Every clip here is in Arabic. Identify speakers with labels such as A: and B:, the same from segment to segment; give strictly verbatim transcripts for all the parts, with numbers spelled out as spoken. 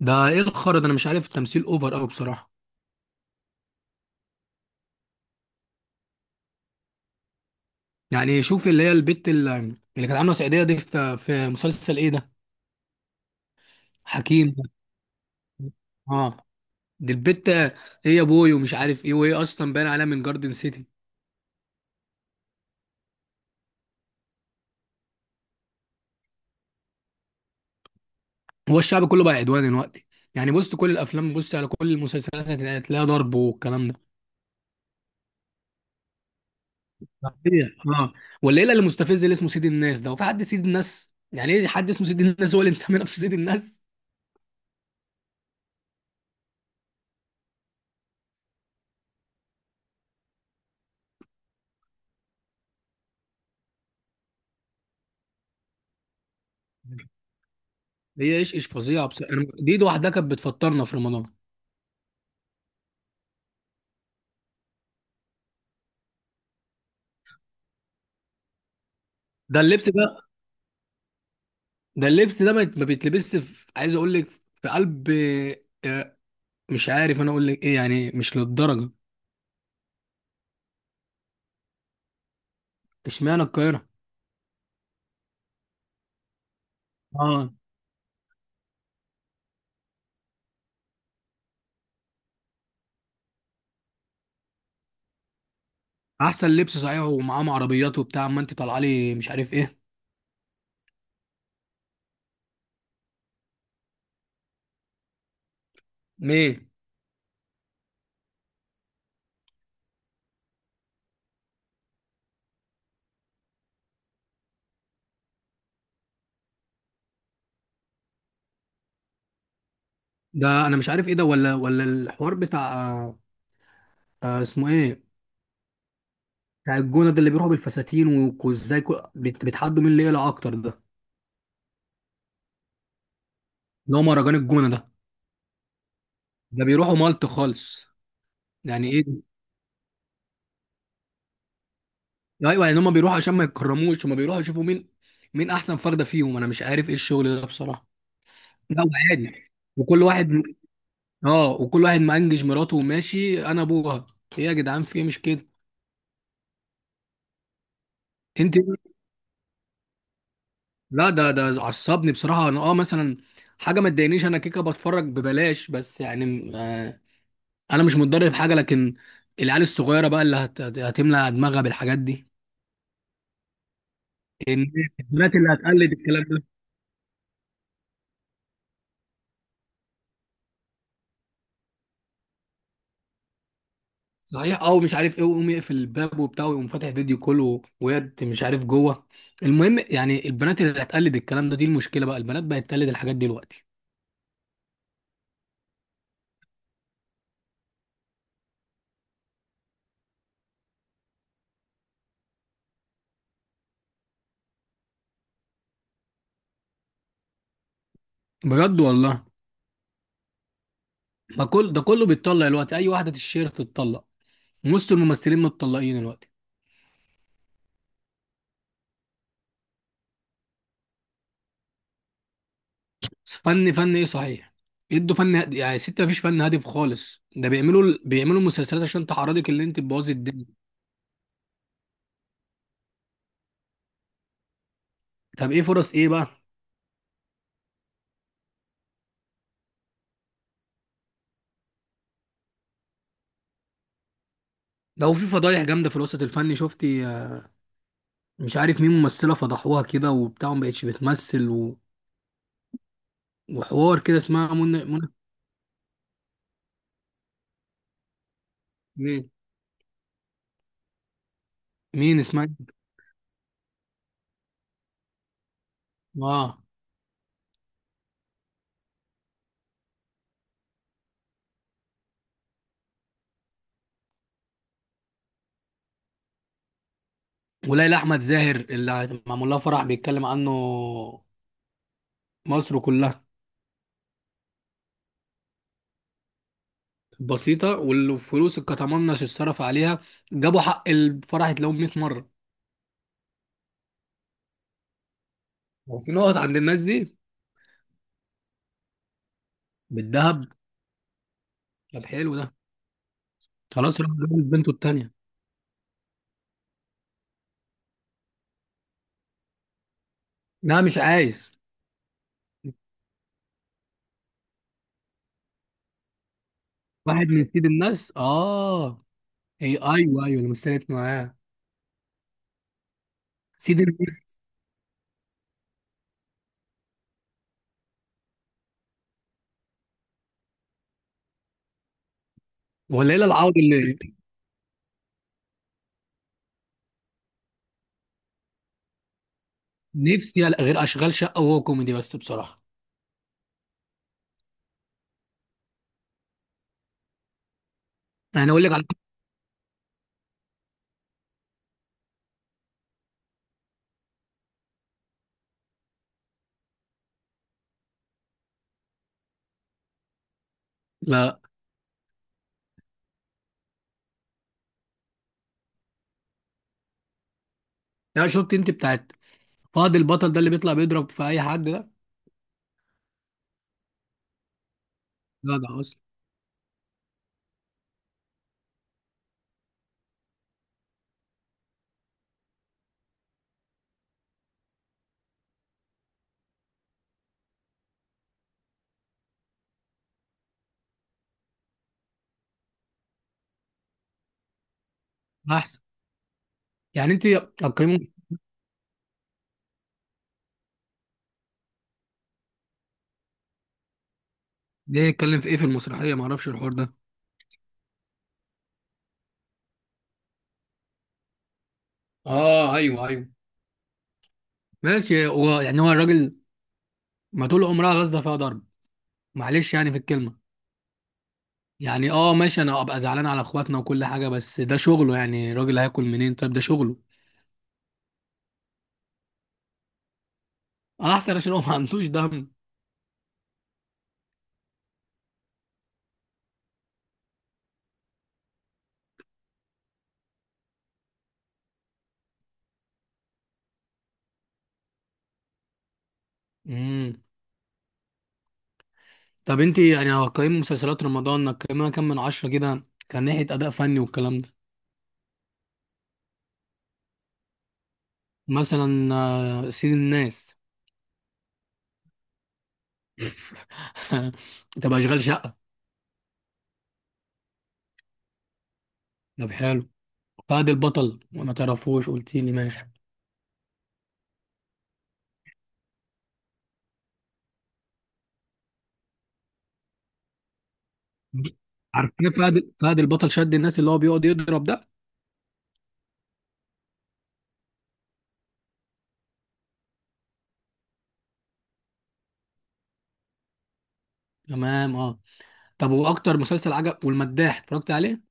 A: ده ايه الخرا ده؟ انا مش عارف، التمثيل اوفر قوي بصراحه. يعني شوف اللي هي البت اللي, اللي كانت عامله سعيديه دي في في مسلسل ايه ده. حكيم ده. اه، دي البت ايه؟ يا بوي ومش عارف ايه، وهي اصلا باين عليها من جاردن سيتي. هو الشعب كله بقى عدواني دلوقتي. يعني بص كل الافلام، بص على كل المسلسلات هتلاقيها ضرب والكلام ده. صحيح اه. والليله اللي مستفز اللي اسمه سيد الناس ده، وفي حد سيد الناس؟ يعني ايه حد اسمه سيد الناس؟ هو اللي مسمي نفسه سيد الناس. هي ايش ايش فظيعه بصراحه، أنا- دي لوحدها كانت بتفطرنا في رمضان. ده اللبس ده، ده اللبس ده ما يت- ما بيتلبسش في، عايز اقول لك في قلب، آه، مش عارف انا اقول لك ايه، يعني مش للدرجه. اشمعنى القاهره؟ اه. احسن لبس، صحيح، ومعاهم عربيات وبتاع، اما انت طالعه لي مش عارف ايه. ليه؟ ده انا مش عارف ايه ده، ولا ولا الحوار بتاع آه، آه، اسمه ايه؟ بتاع الجونه ده، اللي بيروحوا بالفساتين، وازاي كو- بيت- بيتحدوا مين اللي يقلع اكتر ده، اللي هو مهرجان الجونه ده. ده بيروحوا مالط خالص. يعني ايه؟ ايوه، يعني هم بيروحوا عشان ما يتكرموش، هم بيروحوا يشوفوا مين، مين احسن فرده فيهم. انا مش عارف ايه الشغل ده بصراحه. لا هو عادي. وكل واحد اه وكل واحد مأنجج مراته وماشي انا ابوها. ايه يا جدعان؟ في ايه؟ مش كده؟ انت، لا ده ده عصبني بصراحه، انا اه مثلا حاجه ما تضايقنيش. انا كيكه بتفرج ببلاش، بس يعني آه انا مش متضرر في حاجه، لكن العيال الصغيره بقى اللي هت... هتملى دماغها بالحاجات دي. الناس- البنات اللي هتقلد الكلام ده. صحيح اه، ومش عارف ايه، ويقوم يقفل الباب وبتاع، ويقوم فاتح فيديو كول و- ويد مش عارف جوه. المهم يعني البنات اللي هتقلد الكلام ده، دي المشكله بقى، البنات بقت تقلد الحاجات دي دلوقتي. بجد والله؟ ما كل ده كله بيتطلق دلوقتي، اي واحده تشير تتطلق، نص الممثلين متطلقين دلوقتي. فن فن ايه صحيح؟ يدوا فن هادي. يعني ست مفيش فن هادف خالص. ده بيعملوا ال- بيعملوا مسلسلات عشان تعرضك، اللي انت تبوظي الدنيا. طب ايه فرص ايه بقى؟ ده هو في فضايح جامده في الوسط الفني، شفتي؟ مش عارف مين ممثلة فضحوها كده وبتاع، ما بقتش بتمثل و... وحوار كده، اسمها منى منى. مين؟ مين اسمها إيه؟ اه. وليلى احمد زاهر اللي معمول لها فرح بيتكلم عنه مصر كلها. بسيطة، والفلوس اللي كتمنش اتصرف عليها جابوا حق الفرح يتلاقوه مية مرة. هو في نقط عند الناس دي؟ بالذهب. طب حلو ده. خلاص راح جوز بنته التانية. لا مش عايز. واحد من سيد الناس، اه. هي، ايوه، ايوه اللي مثلت معاه. سيد. والليله العوض اللي، نفسي ألاقي غير اشغال شقه، وهو كوميدي بس بصراحه. يعني اقول لك على، لا، لا. يعني شفت انت بتاعت، فاضل البطل ده اللي بيطلع بيضرب في اي حد ده؟ لا ده اصلا. احسن. يعني انت هتقيمه، ليه؟ يتكلم في ايه في المسرحيه؟ ما اعرفش الحوار ده. اه ايوه، ايوه ماشي. هو يعني هو الراجل، ما طول عمرها غزه فيها ضرب، معلش يعني في الكلمه. يعني اه ماشي، انا ابقى زعلان على اخواتنا وكل حاجه، بس ده شغله، يعني الراجل هياكل منين؟ طيب ده شغله. احسن، عشان هو ما عندوش دم. امم. طب انت يعني لو هتقيمي مسلسلات رمضان هتقيمها كام من عشرة كده، كان ناحية أداء فني والكلام ده؟ مثلا آه، سيد الناس. طب أشغال شقة. طب حلو. فهد البطل ما تعرفوش، قلت لي ماشي. عارفين فهد فهد البطل شد الناس، اللي هو بيقعد يضرب ده. تمام اه. طب واكتر مسلسل عجب؟ والمداح اتفرجت عليه؟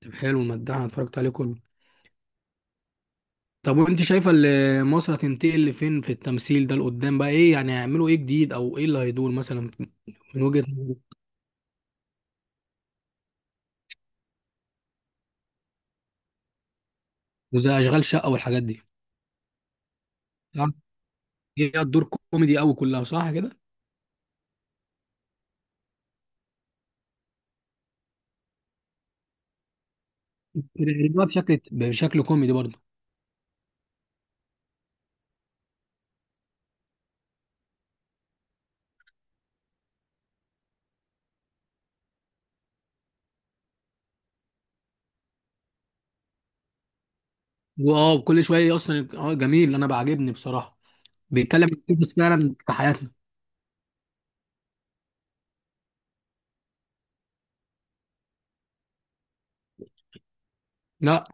A: طب حلو، المداح انا اتفرجت عليه كله. طب وانت شايفه اللي مصر هتنتقل لفين في التمثيل ده لقدام بقى، ايه يعني هيعملوا ايه جديد، او ايه اللي هيدور مثلا؟ من وجهة، وزي اشغال شقه والحاجات دي. صح؟ هي الدور كوميدي قوي كلها، صح كده؟ بتقلبها بشكل بشكل كوميدي برضه. واه كل شويه اصلا، اه جميل، انا بعجبني بصراحه، بيتكلم عن قصص فعلا في حياتنا. لا.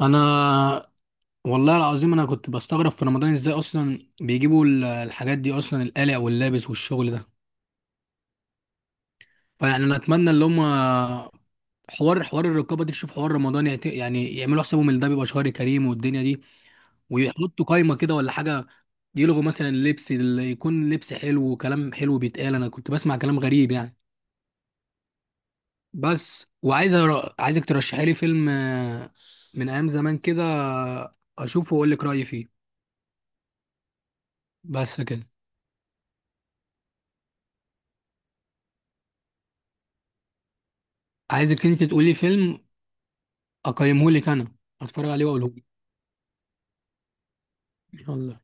A: انا والله العظيم انا كنت بستغرب في رمضان، ازاي اصلا بيجيبوا ال- الحاجات دي اصلا، القلق واللابس والشغل ده. فيعني انا اتمنى اللي هم، حوار حوار الرقابه دي تشوف حوار رمضان، يعت- يعني يعملوا حسابهم ان ده بيبقى شهر كريم والدنيا دي، ويحطوا قايمه كده ولا حاجه، يلغوا مثلا اللبس، اللي يكون لبس حلو وكلام حلو بيتقال. انا كنت بسمع كلام غريب يعني. بس، وعايز أر... عايزك ترشحي لي فيلم آه، من ايام زمان كده، آه، اشوفه واقول لك رايي فيه. بس كده. عايزك انت تقولي فيلم اقيمه لك انا، اتفرج عليه واقوله لك. يلا.